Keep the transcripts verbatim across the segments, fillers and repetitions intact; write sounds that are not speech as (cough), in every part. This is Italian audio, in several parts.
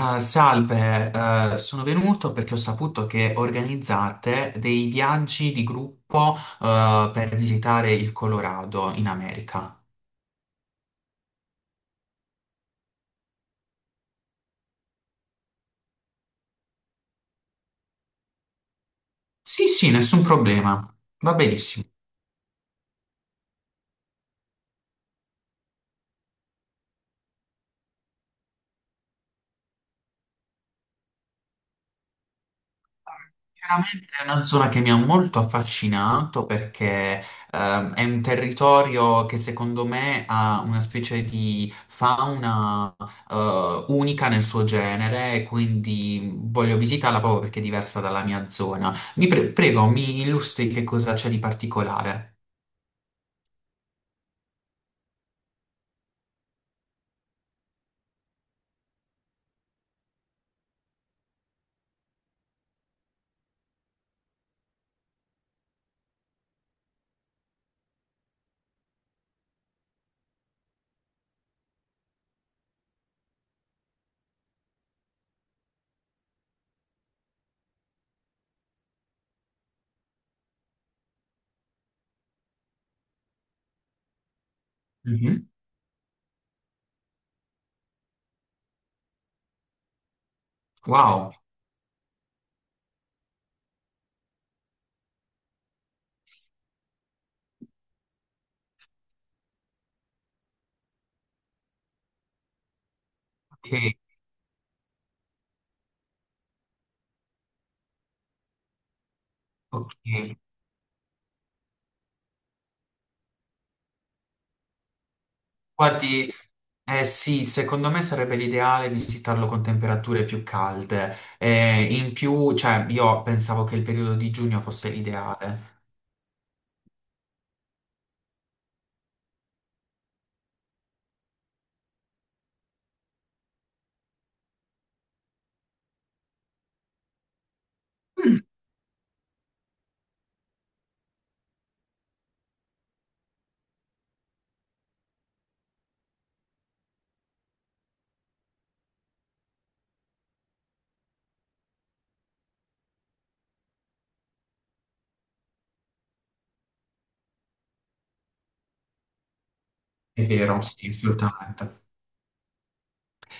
Ah, salve, eh, sono venuto perché ho saputo che organizzate dei viaggi di gruppo, eh, per visitare il Colorado in America. Sì, sì, nessun problema. Va benissimo. Veramente è una zona che mi ha molto affascinato perché ehm, è un territorio che secondo me ha una specie di fauna eh, unica nel suo genere e quindi voglio visitarla proprio perché è diversa dalla mia zona. Mi pre- prego, mi illustri che cosa c'è di particolare. Mhm. Wow, ok, ok. Guardi, eh sì, secondo me sarebbe l'ideale visitarlo con temperature più calde. Eh, in più, cioè, io pensavo che il periodo di giugno fosse l'ideale. È vero, sì, assolutamente.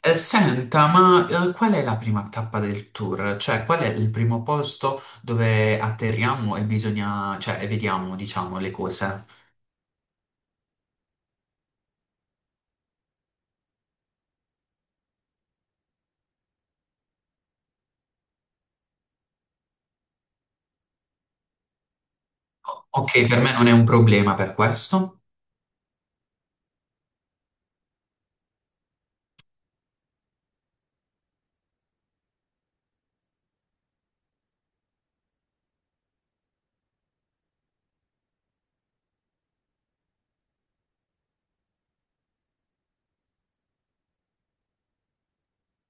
Eh, senta, ma eh, qual è la prima tappa del tour? Cioè, qual è il primo posto dove atterriamo e bisogna, cioè, e vediamo, diciamo, le cose? Ok, per me non è un problema per questo.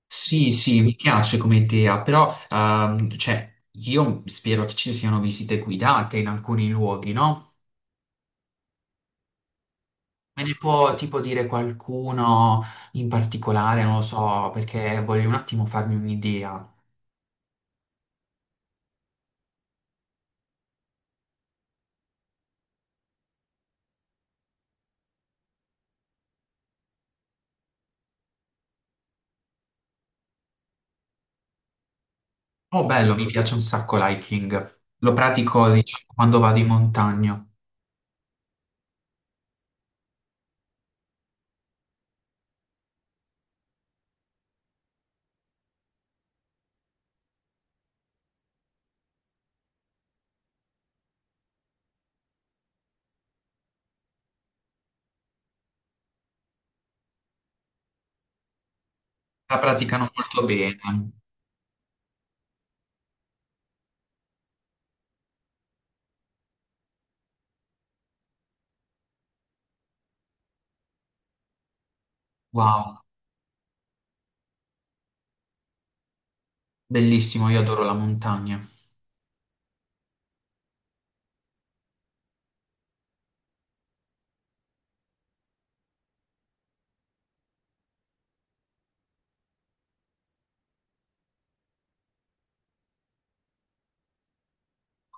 Sì, sì, mi piace come idea, però ehm, cioè, io spero che ci siano visite guidate in alcuni luoghi, no? Me ne può tipo dire qualcuno in particolare, non lo so, perché voglio un attimo farmi un'idea. Oh, bello, mi piace un sacco l'hiking. Lo pratico, diciamo, quando vado in montagna. La praticano molto bene. Wow, bellissimo, io adoro la montagna.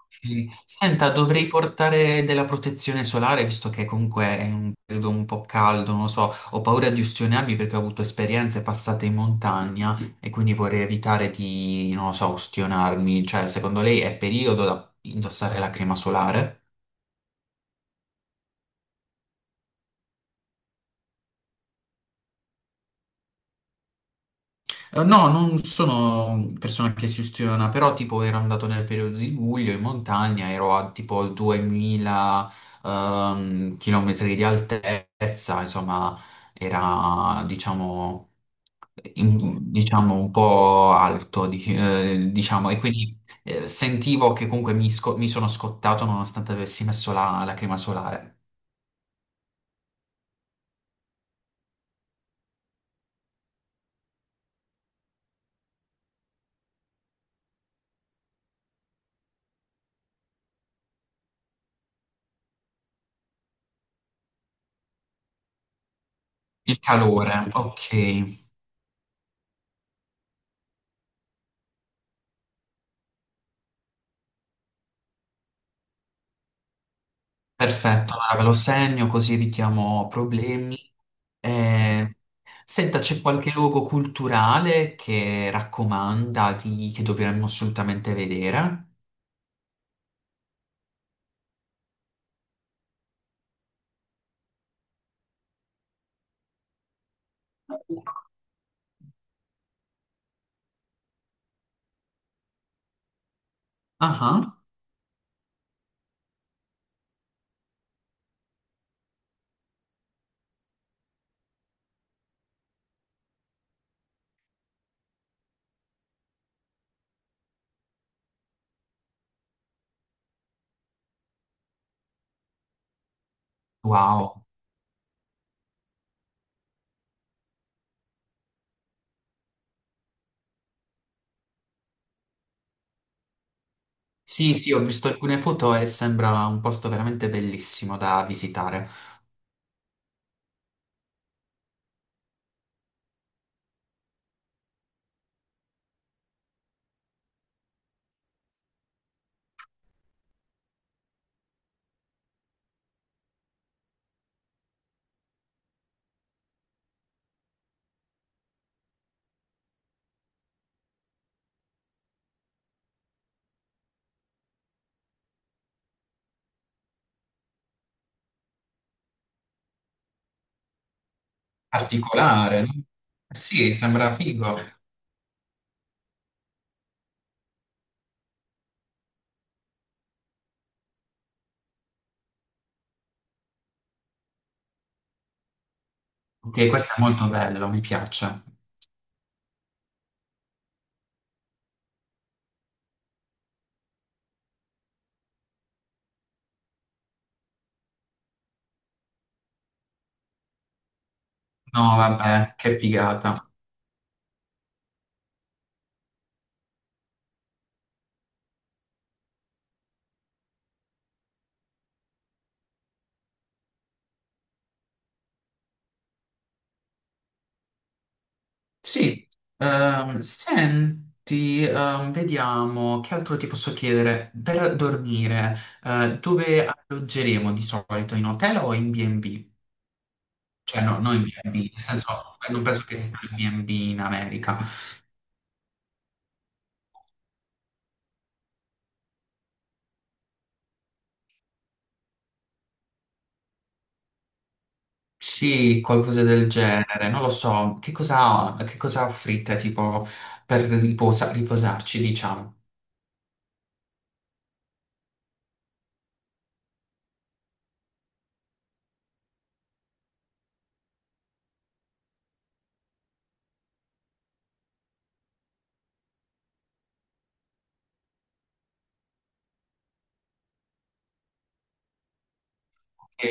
Sì. Senta, dovrei portare della protezione solare visto che comunque è un periodo un po' caldo, non lo so, ho paura di ustionarmi perché ho avuto esperienze passate in montagna e quindi vorrei evitare di, non lo so, ustionarmi. Cioè, secondo lei è periodo da indossare la crema solare? Eh, No, non sono persona che si ustiona, però tipo ero andato nel periodo di luglio in montagna, ero a tipo duemila ehm, chilometri di altezza, insomma era diciamo, in- diciamo un po' alto, di- eh, diciamo, e quindi eh, sentivo che comunque mi, sco- mi sono scottato nonostante avessi messo la, la crema solare. Il calore, ok. Perfetto, allora ve lo segno così evitiamo problemi. Eh, senta, c'è qualche luogo culturale che raccomanda di- che dovremmo assolutamente vedere? Ah, wow. Sì, sì, ho visto alcune foto e sembra un posto veramente bellissimo da visitare. Particolare, no? Sì, sembra figo. Ok, questo è molto bello, mi piace. No, vabbè, che figata. Sì, ehm, senti, ehm, vediamo che altro ti posso chiedere. Per dormire, eh, dove alloggeremo di solito? In hotel o in bi and bi? Cioè, no, non in bi and bi, nel senso, non penso che esista il bi and bi in America. Sì, qualcosa del genere, non lo so. Che cosa, che cosa offrite, tipo, per riposa- riposarci, diciamo? Ok.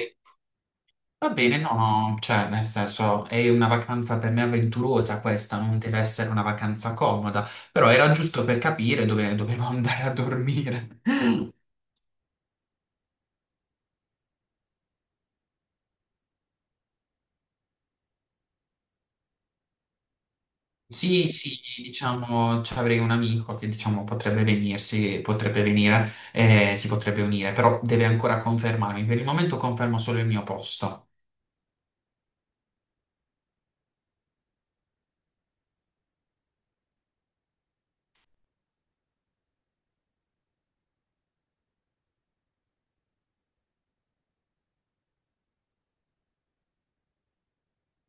Va bene, no, no, cioè, nel senso, è una vacanza per me avventurosa questa, non deve essere una vacanza comoda, però era giusto per capire dove dovevo (laughs) andare a dormire. (laughs) Sì, sì, diciamo, ci avrei un amico che, diciamo, potrebbe venirsi, potrebbe venire, eh, si potrebbe unire, però deve ancora confermarmi. Per il momento confermo solo il mio posto.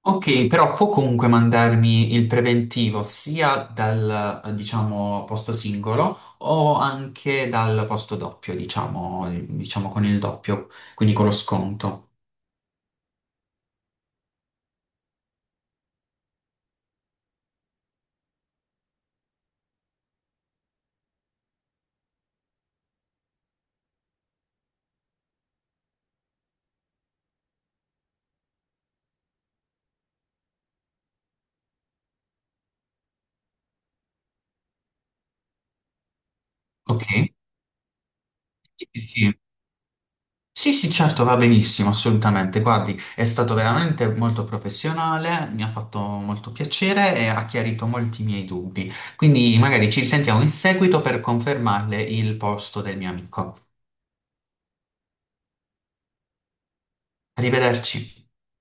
Ok, però può comunque mandarmi il preventivo sia dal, eh, diciamo, posto singolo o anche dal posto doppio, diciamo, il- diciamo con il doppio, quindi con lo sconto. Ok? Sì, sì, sì, sì, sì, certo, va benissimo, assolutamente. Guardi, è stato veramente molto professionale, mi ha fatto molto piacere e ha chiarito molti miei dubbi. Quindi magari ci risentiamo in seguito per confermarle il posto del mio amico. Arrivederci.